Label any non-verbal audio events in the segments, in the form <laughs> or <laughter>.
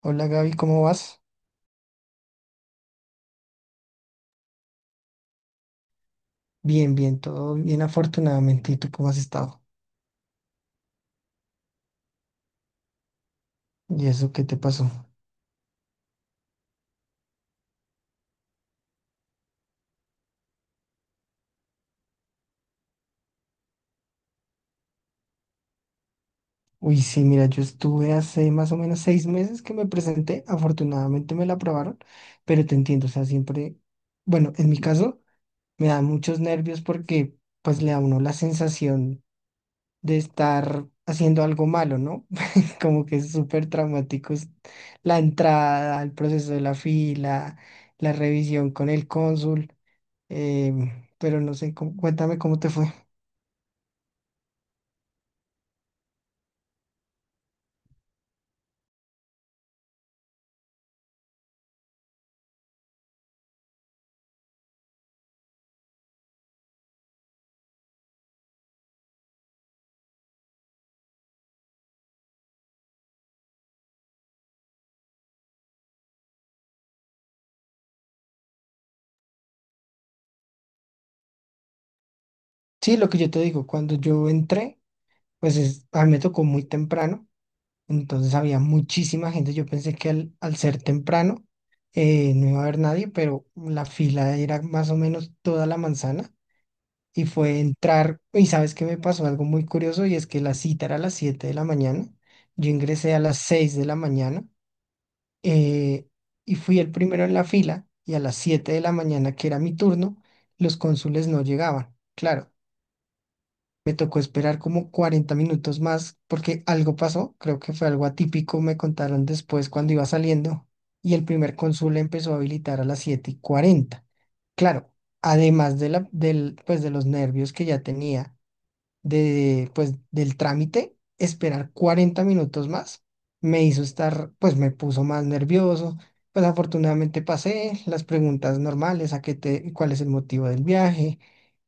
Hola Gaby, ¿cómo vas? Bien, bien, todo bien afortunadamente. ¿Y tú cómo has estado? ¿Y eso qué te pasó? Uy, sí, mira, yo estuve hace más o menos 6 meses que me presenté, afortunadamente me la aprobaron, pero te entiendo, o sea, siempre, bueno, en mi caso me da muchos nervios porque pues le da a uno la sensación de estar haciendo algo malo, ¿no? <laughs> Como que es súper traumático es la entrada, el proceso de la fila, la revisión con el cónsul. Pero no sé, cuéntame cómo te fue. Sí, lo que yo te digo, cuando yo entré, a mí me tocó muy temprano, entonces había muchísima gente. Yo pensé que al ser temprano no iba a haber nadie, pero la fila era más o menos toda la manzana y fue entrar. Y sabes que me pasó algo muy curioso, y es que la cita era a las 7 de la mañana. Yo ingresé a las 6 de la mañana, eh, y fui el primero en la fila, y a las 7 de la mañana, que era mi turno, los cónsules no llegaban. Claro, me tocó esperar como 40 minutos más porque algo pasó, creo que fue algo atípico, me contaron después cuando iba saliendo, y el primer cónsul empezó a habilitar a las 7:40. Claro, además de pues de los nervios que ya tenía de, pues, del trámite, esperar 40 minutos más, me hizo estar, pues me puso más nervioso. Pues afortunadamente pasé las preguntas normales: cuál es el motivo del viaje,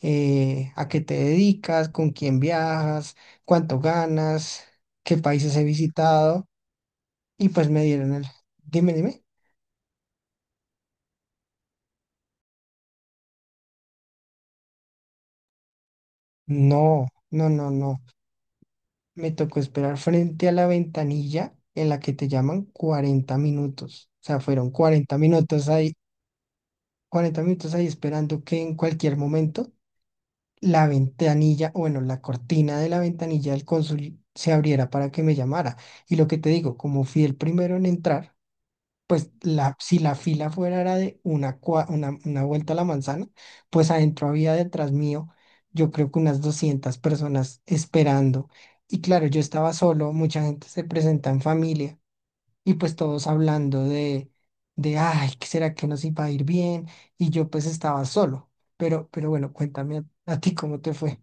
a qué te dedicas, con quién viajas, cuánto ganas, qué países he visitado, y pues me dieron el, dime, dime. No, no, no, no. Me tocó esperar frente a la ventanilla en la que te llaman 40 minutos. O sea, fueron 40 minutos ahí, 40 minutos ahí esperando que en cualquier momento la ventanilla, o bueno, la cortina de la ventanilla del cónsul se abriera para que me llamara. Y lo que te digo, como fui el primero en entrar, pues la, si la fila fuera era de una vuelta a la manzana, pues adentro había detrás mío, yo creo que unas 200 personas esperando. Y claro, yo estaba solo, mucha gente se presenta en familia, y pues todos hablando ay, ¿qué será que nos iba a ir bien? Y yo pues estaba solo. Pero bueno, cuéntame a ti cómo te fue.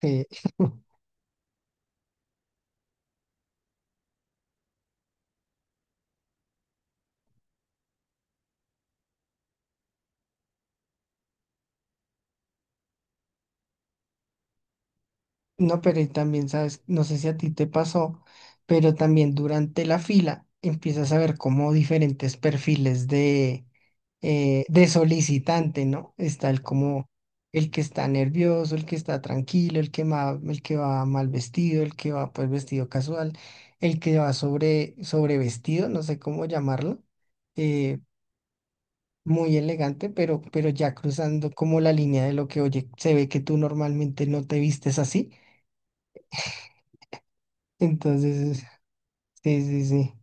Sí. <laughs> No, pero y también, sabes, no sé si a ti te pasó, pero también durante la fila empiezas a ver como diferentes perfiles de solicitante, ¿no? Está el como el que está nervioso, el que está tranquilo, el que va mal vestido, el que va pues vestido casual, el que va sobrevestido, no sé cómo llamarlo, eh, muy elegante, pero ya cruzando como la línea de lo que, oye, se ve que tú normalmente no te vistes así. Entonces, sí, sí, sí.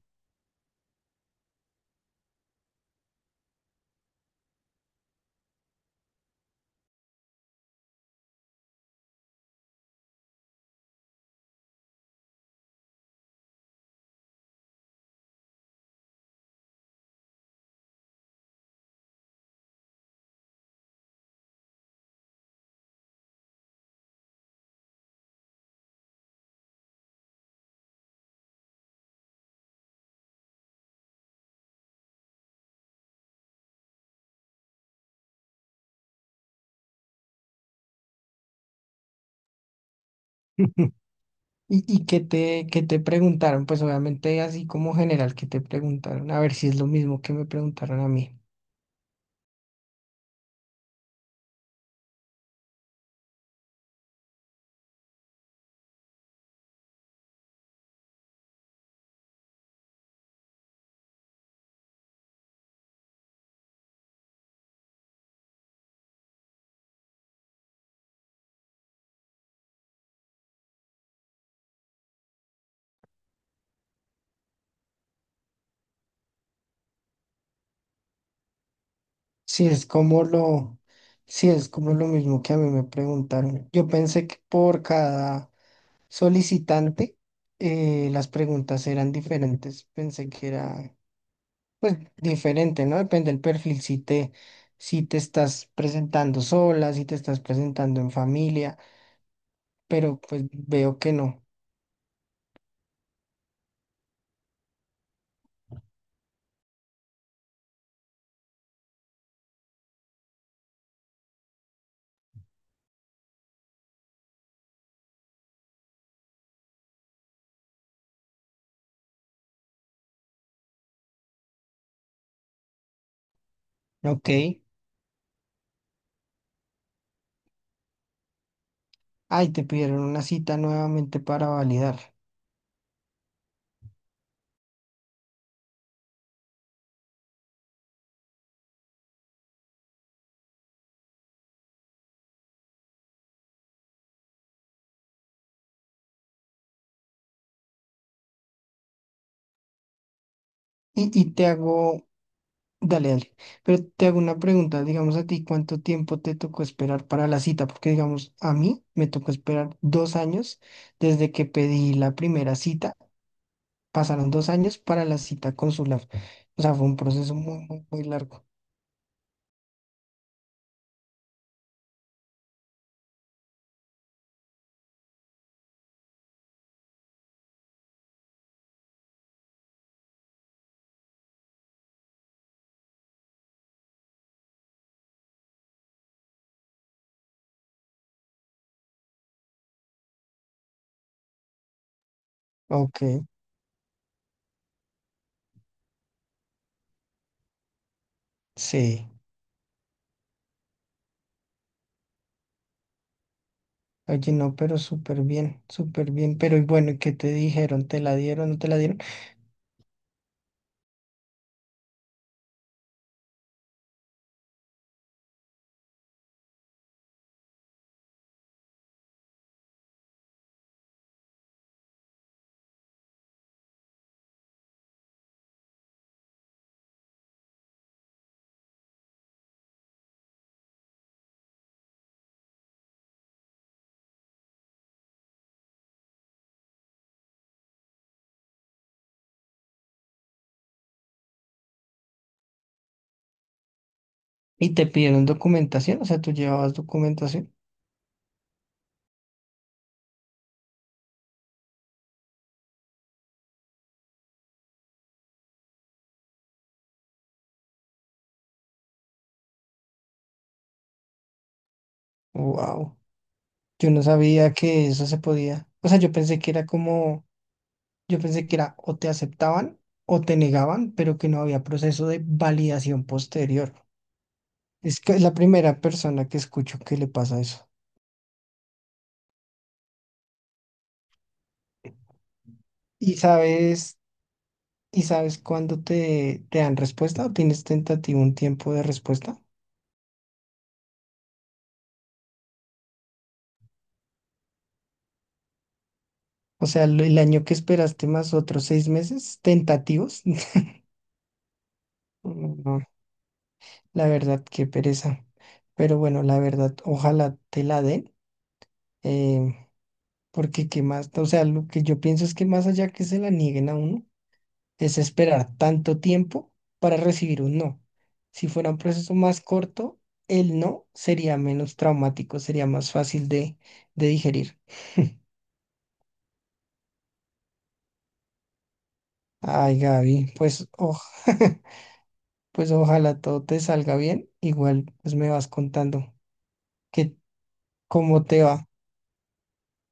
<laughs> ¿Y qué te preguntaron? Pues obviamente así como general, ¿qué te preguntaron? A ver si es lo mismo que me preguntaron a mí. Si es como lo, si es como lo mismo que a mí me preguntaron. Yo pensé que por cada solicitante las preguntas eran diferentes. Pensé que era pues diferente, ¿no? Depende del perfil, si te estás presentando sola, si te estás presentando en familia, pero pues veo que no. Ok. Ay, te pidieron una cita nuevamente para validar. Y, y te hago, dale, dale, pero te hago una pregunta, digamos a ti, ¿cuánto tiempo te tocó esperar para la cita? Porque, digamos, a mí me tocó esperar 2 años desde que pedí la primera cita, pasaron 2 años para la cita consular. O sea, fue un proceso muy, muy, muy largo. Ok, sí. Oye, no, pero súper bien, súper bien. Pero y bueno, ¿qué te dijeron? ¿Te la dieron, no te la dieron? ¿Y te pidieron documentación? O sea, ¿tú llevabas documentación? Wow, yo no sabía que eso se podía. O sea, yo pensé que era como, yo pensé que era o te aceptaban o te negaban, pero que no había proceso de validación posterior. Es que es la primera persona que escucho que le pasa eso. ¿Y sabes, y sabes cuándo te, te dan respuesta, o tienes tentativo un tiempo de respuesta? O sea, el año que esperaste más otros 6 meses tentativos. <laughs> No, no, la verdad, qué pereza. Pero bueno, la verdad, ojalá te la den. eh, Porque qué más, o sea, lo que yo pienso es que más allá que se la nieguen a uno, es esperar tanto tiempo para recibir un no. Si fuera un proceso más corto, el no sería menos traumático, sería más fácil de digerir. Ay, Gaby, pues, <laughs> pues ojalá todo te salga bien. Igual, pues me vas contando que cómo te va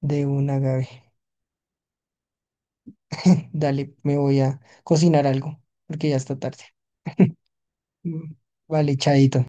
de una, Gaby. <laughs> Dale, me voy a cocinar algo, porque ya está tarde. Mm, vale, chaito.